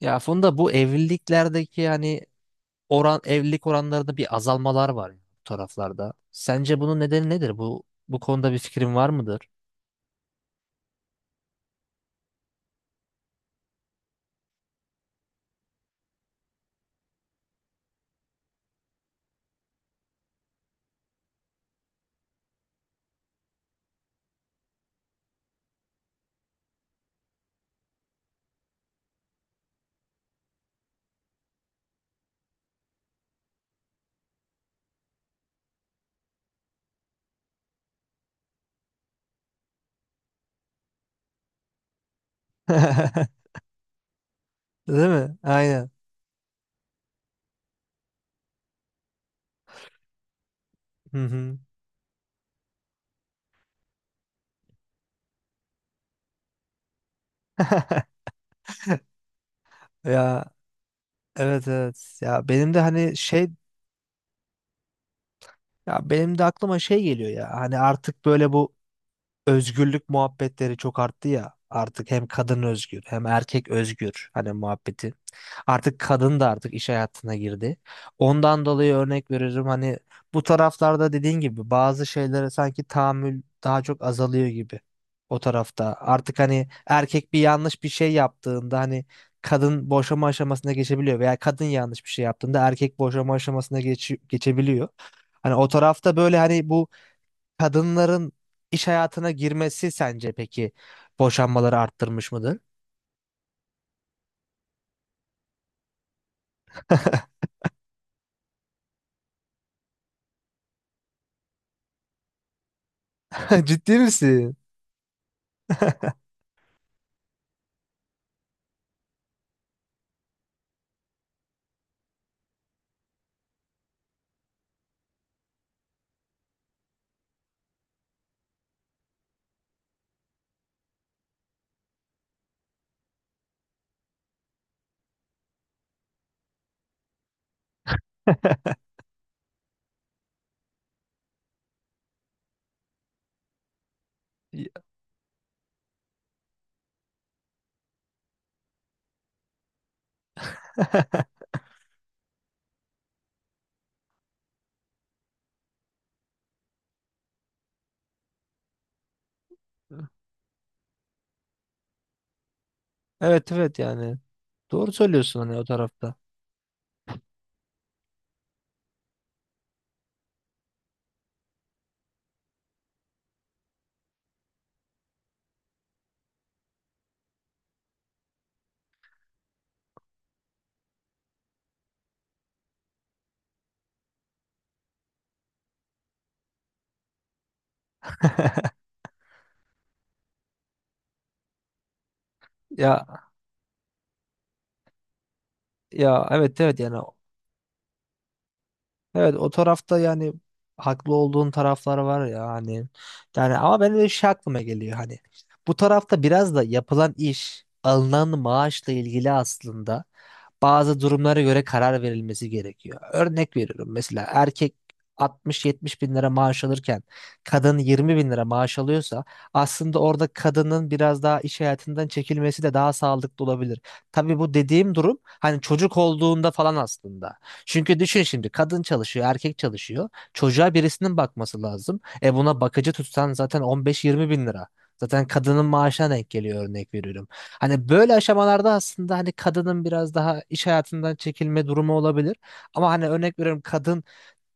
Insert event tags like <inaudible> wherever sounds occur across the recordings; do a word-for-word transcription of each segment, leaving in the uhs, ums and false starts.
Ya Funda, bu evliliklerdeki hani oran evlilik oranlarında bir azalmalar var ya bu taraflarda. Sence bunun nedeni nedir? Bu bu konuda bir fikrin var mıdır? <laughs> Değil mi? Aynen. Hı hı. Ya, evet evet. Ya benim de hani şey ya benim de aklıma şey geliyor ya. Hani artık böyle bu özgürlük muhabbetleri çok arttı ya. Artık hem kadın özgür hem erkek özgür hani muhabbeti. Artık kadın da artık iş hayatına girdi. Ondan dolayı örnek veririm hani bu taraflarda dediğin gibi bazı şeylere sanki tahammül daha çok azalıyor gibi o tarafta. Artık hani erkek bir yanlış bir şey yaptığında hani kadın boşama aşamasına geçebiliyor veya kadın yanlış bir şey yaptığında erkek boşama aşamasına geç, geçebiliyor. Hani o tarafta böyle hani bu kadınların iş hayatına girmesi sence peki boşanmaları arttırmış mıdır? <laughs> Ciddi misin? <laughs> <laughs> Evet evet yani. Doğru söylüyorsun hani o tarafta. <laughs> Ya ya evet evet yani, evet o tarafta yani haklı olduğun taraflar var ya hani, yani ama benim de şey aklıma geliyor hani bu tarafta biraz da yapılan iş, alınan maaşla ilgili aslında bazı durumlara göre karar verilmesi gerekiyor. Örnek veriyorum, mesela erkek altmış yetmiş bin lira maaş alırken kadın yirmi bin lira maaş alıyorsa aslında orada kadının biraz daha iş hayatından çekilmesi de daha sağlıklı olabilir. Tabii bu dediğim durum hani çocuk olduğunda falan aslında. Çünkü düşün şimdi, kadın çalışıyor, erkek çalışıyor. Çocuğa birisinin bakması lazım. E, buna bakıcı tutsan zaten on beş yirmi bin lira. Zaten kadının maaşına denk geliyor, örnek veriyorum. Hani böyle aşamalarda aslında hani kadının biraz daha iş hayatından çekilme durumu olabilir. Ama hani örnek veriyorum, kadın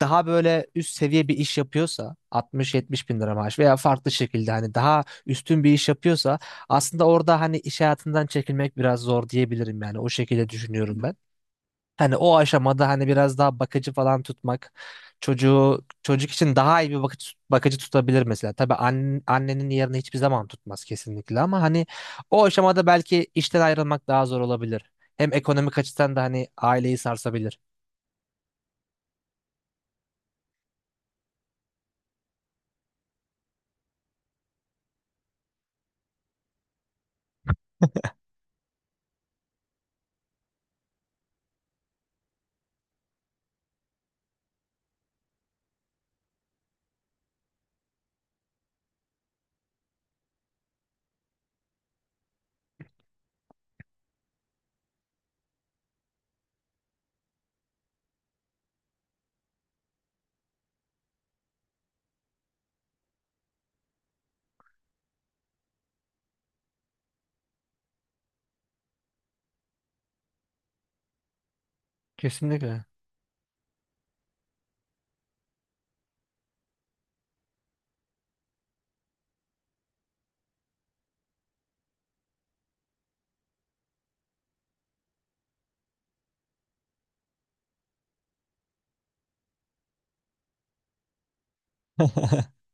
daha böyle üst seviye bir iş yapıyorsa altmış yetmiş bin lira maaş veya farklı şekilde hani daha üstün bir iş yapıyorsa aslında orada hani iş hayatından çekilmek biraz zor diyebilirim, yani o şekilde düşünüyorum ben. Hani o aşamada hani biraz daha bakıcı falan tutmak çocuğu çocuk için daha iyi bir bakıcı, bakıcı tutabilir mesela. Tabii an- annenin yerini hiçbir zaman tutmaz kesinlikle, ama hani o aşamada belki işten ayrılmak daha zor olabilir. Hem ekonomik açıdan da hani aileyi sarsabilir. Kesinlikle. <laughs>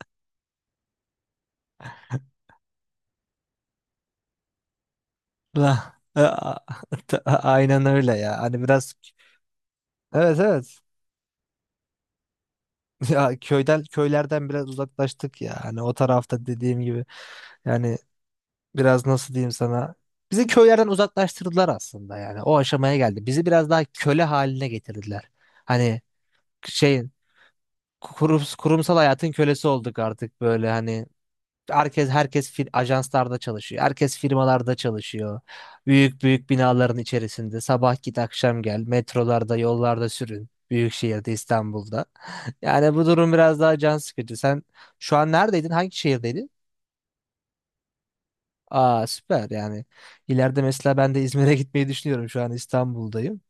La- a- a- Aynen öyle ya. Hani biraz, evet evet. <laughs> Ya, köyden köylerden biraz uzaklaştık ya. Hani o tarafta dediğim gibi. Yani biraz nasıl diyeyim sana, bizi köylerden uzaklaştırdılar aslında, yani o aşamaya geldi. Bizi biraz daha köle haline getirdiler. Hani şeyin, kurum, kurumsal hayatın kölesi olduk artık, böyle hani herkes herkes fir- ajanslarda çalışıyor. Herkes firmalarda çalışıyor. Büyük büyük binaların içerisinde sabah git akşam gel, metrolarda, yollarda sürün. Büyük şehirde, İstanbul'da. <laughs> Yani bu durum biraz daha can sıkıcı. Sen şu an neredeydin? Hangi şehirdeydin? Aa, süper yani. İleride mesela ben de İzmir'e gitmeyi düşünüyorum. Şu an İstanbul'dayım.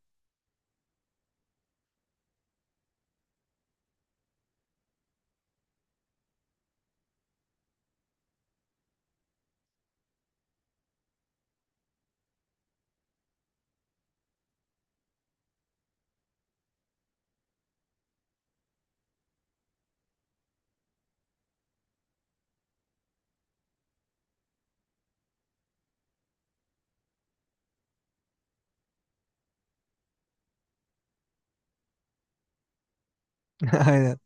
<laughs> Aynen.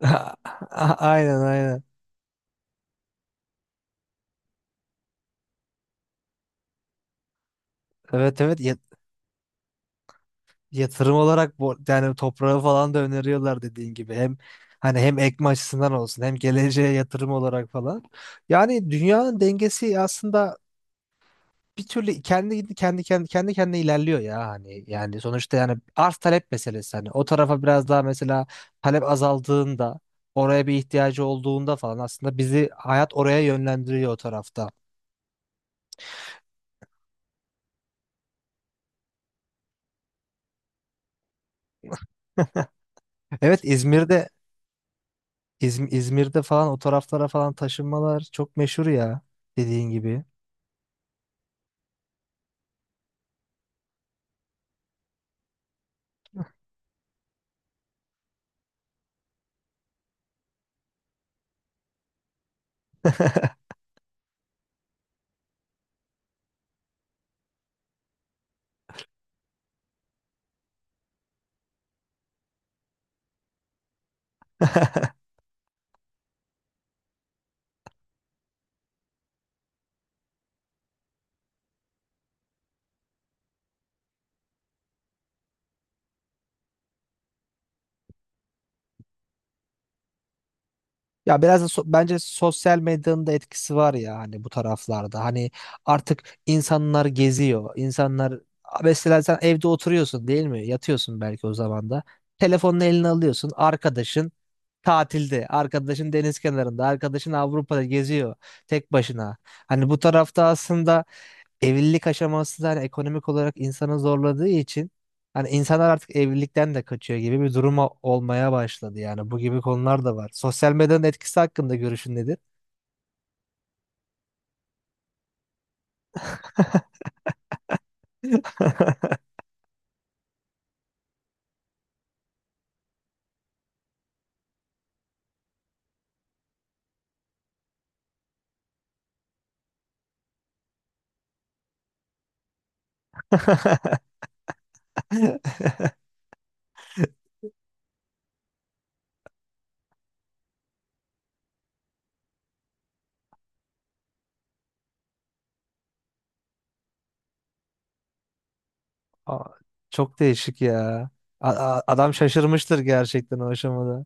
<laughs> Aynen, aynen. Evet evet. Ya- yatırım olarak bu, yani toprağı falan da öneriyorlar dediğin gibi. Hem hani hem ekme açısından olsun hem geleceğe yatırım olarak falan. Yani dünyanın dengesi aslında bir türlü kendi kendi kendi kendi kendine ilerliyor ya hani, yani sonuçta, yani arz talep meselesi hani, o tarafa biraz daha, mesela talep azaldığında, oraya bir ihtiyacı olduğunda falan aslında bizi hayat oraya yönlendiriyor o tarafta. <laughs> Evet, İzmir'de, İzm- İzmir'de falan o taraflara falan taşınmalar çok meşhur ya, dediğin gibi. <laughs> Ya biraz da, so- bence sosyal medyanın da etkisi var ya hani bu taraflarda. Hani artık insanlar geziyor. İnsanlar mesela, sen evde oturuyorsun değil mi? Yatıyorsun belki o zaman da. Telefonunu eline alıyorsun. Arkadaşın tatilde, arkadaşın deniz kenarında, arkadaşın Avrupa'da geziyor tek başına. Hani bu tarafta aslında evlilik aşaması da hani ekonomik olarak insanı zorladığı için hani insanlar artık evlilikten de kaçıyor gibi bir durum o- olmaya başladı yani, bu gibi konular da var. Sosyal medyanın etkisi hakkında görüşün nedir? <laughs> Aa, çok değişik ya. A- a- adam şaşırmıştır gerçekten o aşamada.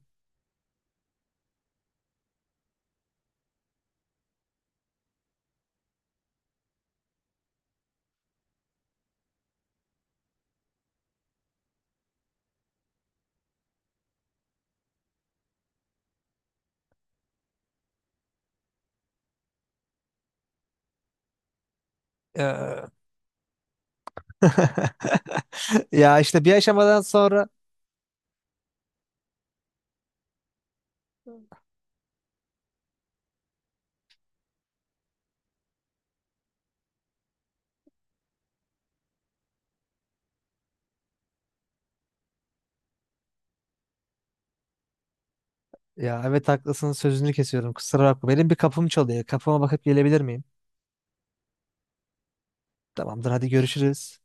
Ya. <laughs> Ya işte bir aşamadan sonra, ya evet haklısın, sözünü kesiyorum, kusura bakma. Benim bir kapım çalıyor. Kapıma bakıp gelebilir miyim? Tamamdır, hadi görüşürüz.